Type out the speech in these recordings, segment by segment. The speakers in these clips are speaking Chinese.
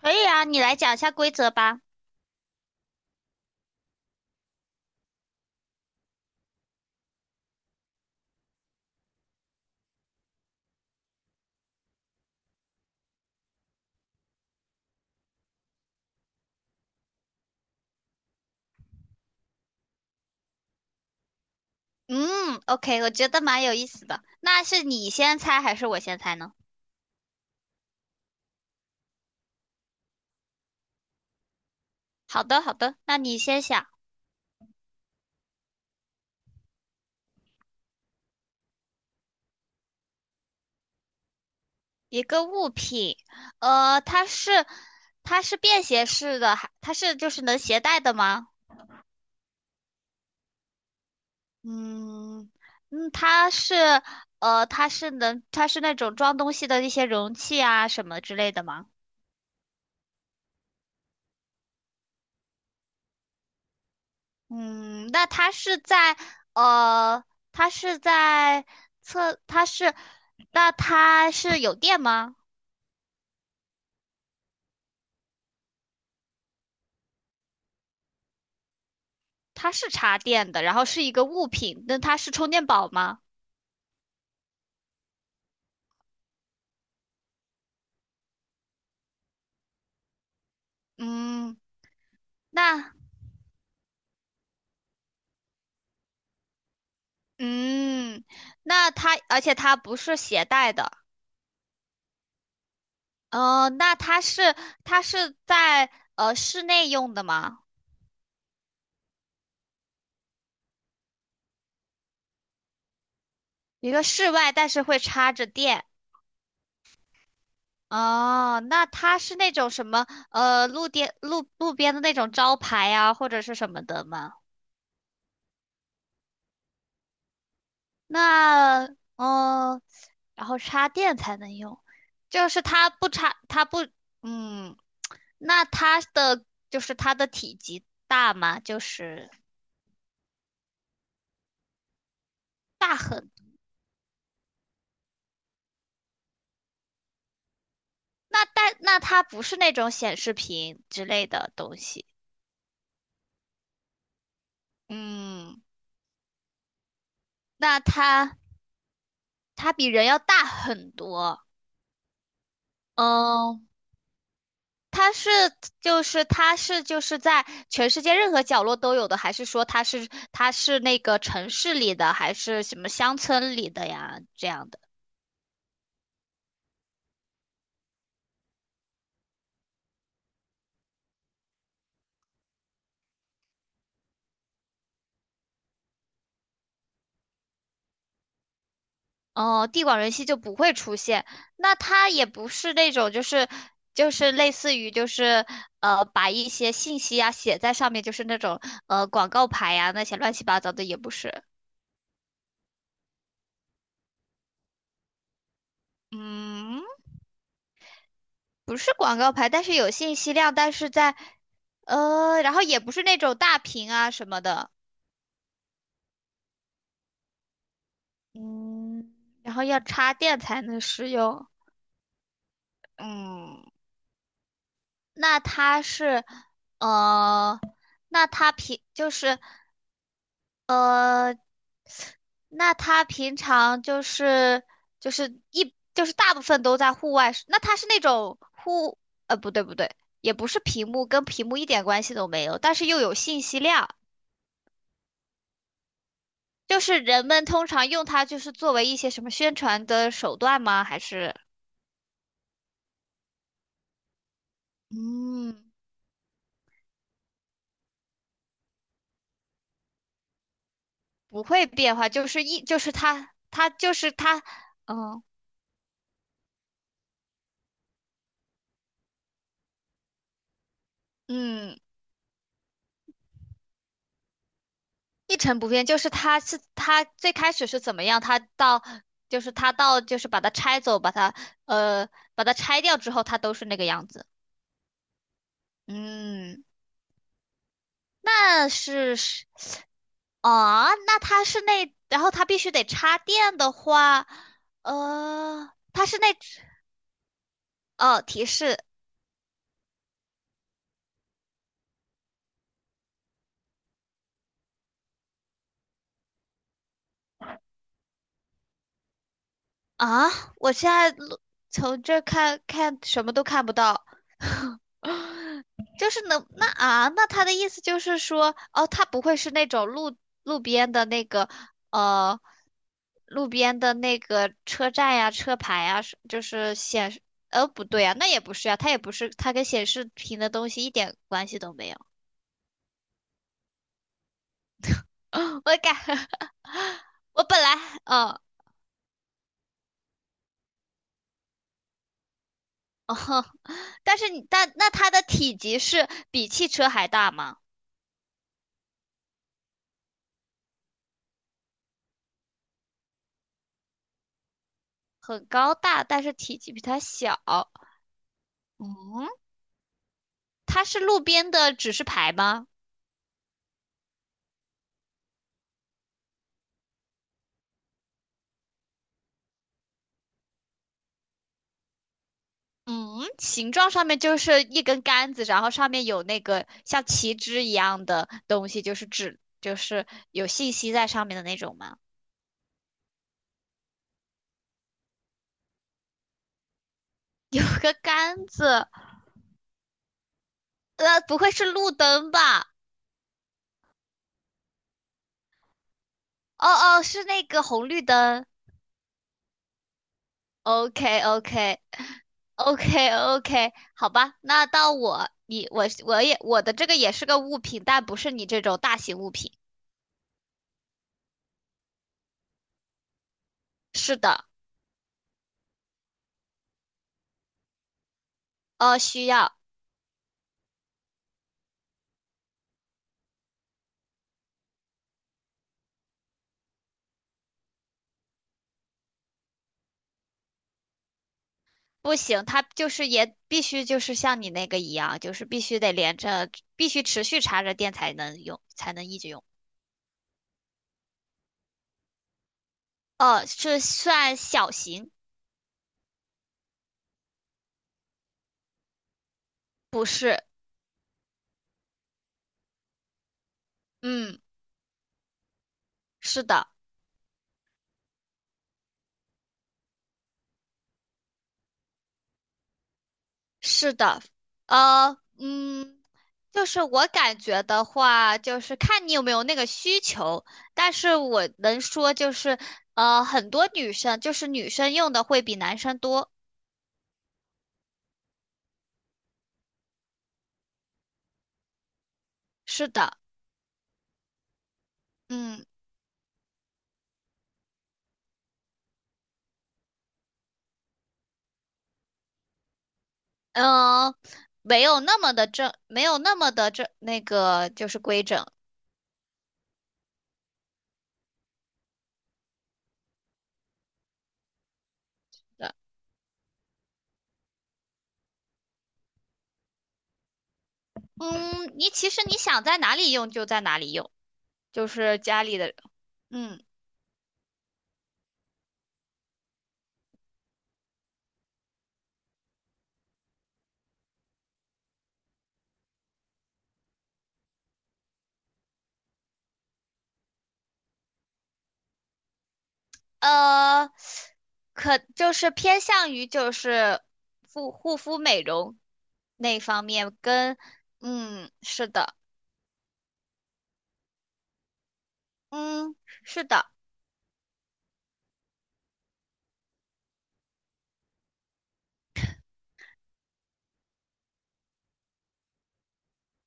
可以啊，你来讲一下规则吧。嗯，OK，我觉得蛮有意思的。那是你先猜还是我先猜呢？好的，好的，那你先想一个物品。呃，它是它是便携式的，还就是能携带的吗？嗯嗯，它是那种装东西的一些容器啊什么之类的吗？嗯，呃，它是在测，它是，那它是有电吗？它是插电的，然后是一个物品，那它是充电宝吗？嗯，那嗯，那它而且它不是携带的。那它是在室内用的吗？一个室外，但是会插着电。哦，那它是那种什么路边的那种招牌啊，或者是什么的吗？那呃，然后插电才能用，就是它不插，它不，嗯。那就是它的体积大吗？就是大很，那它不是那种显示屏之类的东西。嗯，那它比人要大很多。嗯、它是它是在全世界任何角落都有的，还是说它是那个城市里的，还是什么乡村里的呀？这样的哦，地广人稀就不会出现。那它也不是那种就是类似于就是把一些信息啊写在上面，就是那种广告牌呀那些乱七八糟的也不是。嗯，不是广告牌，但是有信息量，但是在呃，然后也不是那种大屏啊什么的。嗯，然后要插电才能使用。嗯，那它是，呃，那它平就是，那它平常就是就是一就是大部分都在户外使，那它是那种户，呃，不对不对，也不是屏幕，跟屏幕一点关系都没有，但是又有信息量。就是人们通常用它就是作为一些什么宣传的手段吗？还是嗯，不会变化。就是一就是它，它就是它，嗯嗯，一成不变，就是它是。它最开始是怎么样，它到就是它到就是把它拆走，呃把它拆掉之后，它都是那个样子。嗯，那是是那它是那，然后它必须得插电的话。呃，它是那哦，提示啊。我现在录从这儿看看什么都看不到。就是能那啊，那他的意思就是说，哦，他不会是那种路边的那个呃，路边的那个车站呀、车牌呀，是就是显示，呃，不对啊，那也不是啊，它也不是，它跟显示屏的东西一点关系都没有。我感，我本来，嗯。哦，但是你，但那它的体积是比汽车还大吗？很高大，但是体积比它小。嗯，它是路边的指示牌吗？嗯，形状上面就是一根杆子，然后上面有那个像旗帜一样的东西，就是指就是有信息在上面的那种吗？有个杆子。不会是路灯吧？哦哦，是那个红绿灯。OK OK OK OK，好吧。那到我，你我我也我的这个也是个物品，但不是你这种大型物品。是的。需要。不行，它就是也必须就是像你那个一样，就是必须得连着，必须持续插着电才能用，才能一直用。哦，是算小型。不是？嗯，是的。是的。呃，嗯，就是我感觉的话，就是看你有没有那个需求。但是我能说就是，很多女生用的会比男生多。是的。嗯。嗯、没有那么的正，没有那么的正，那个就是规整的。嗯，你其实你想在哪里用就在哪里用，就是家里的。嗯，呃，可就是偏向于就是护肤美容那方面跟，嗯，是的。嗯，是的。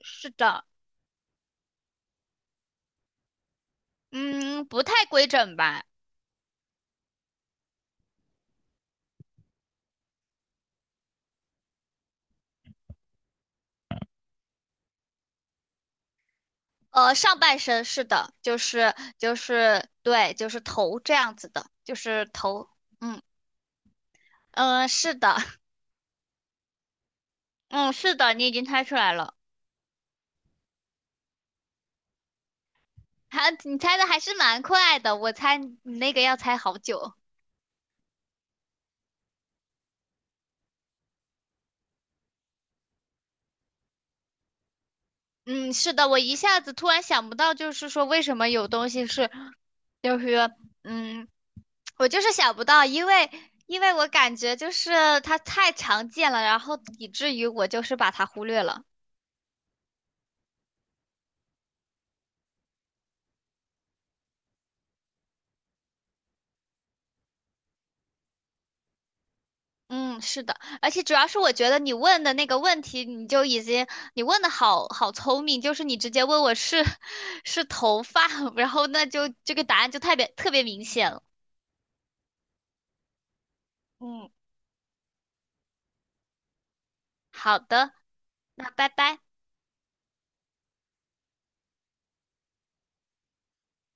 是的。嗯，不太规整吧。上半身是的。就是对，就是头这样子的，就是头。嗯嗯、是的。嗯是的，你已经猜出来了。还你猜的还是蛮快的，我猜你那个要猜好久。嗯是的，我一下子突然想不到，就是说为什么有东西是，就是嗯，我就是想不到。因为我感觉就是它太常见了，然后以至于我就是把它忽略了。嗯，是的，而且主要是我觉得你问的那个问题，你就已经你问的好好聪明，就是你直接问我是 是头发，然后那就这个答案就特别特别明显了。嗯，好的，那拜拜。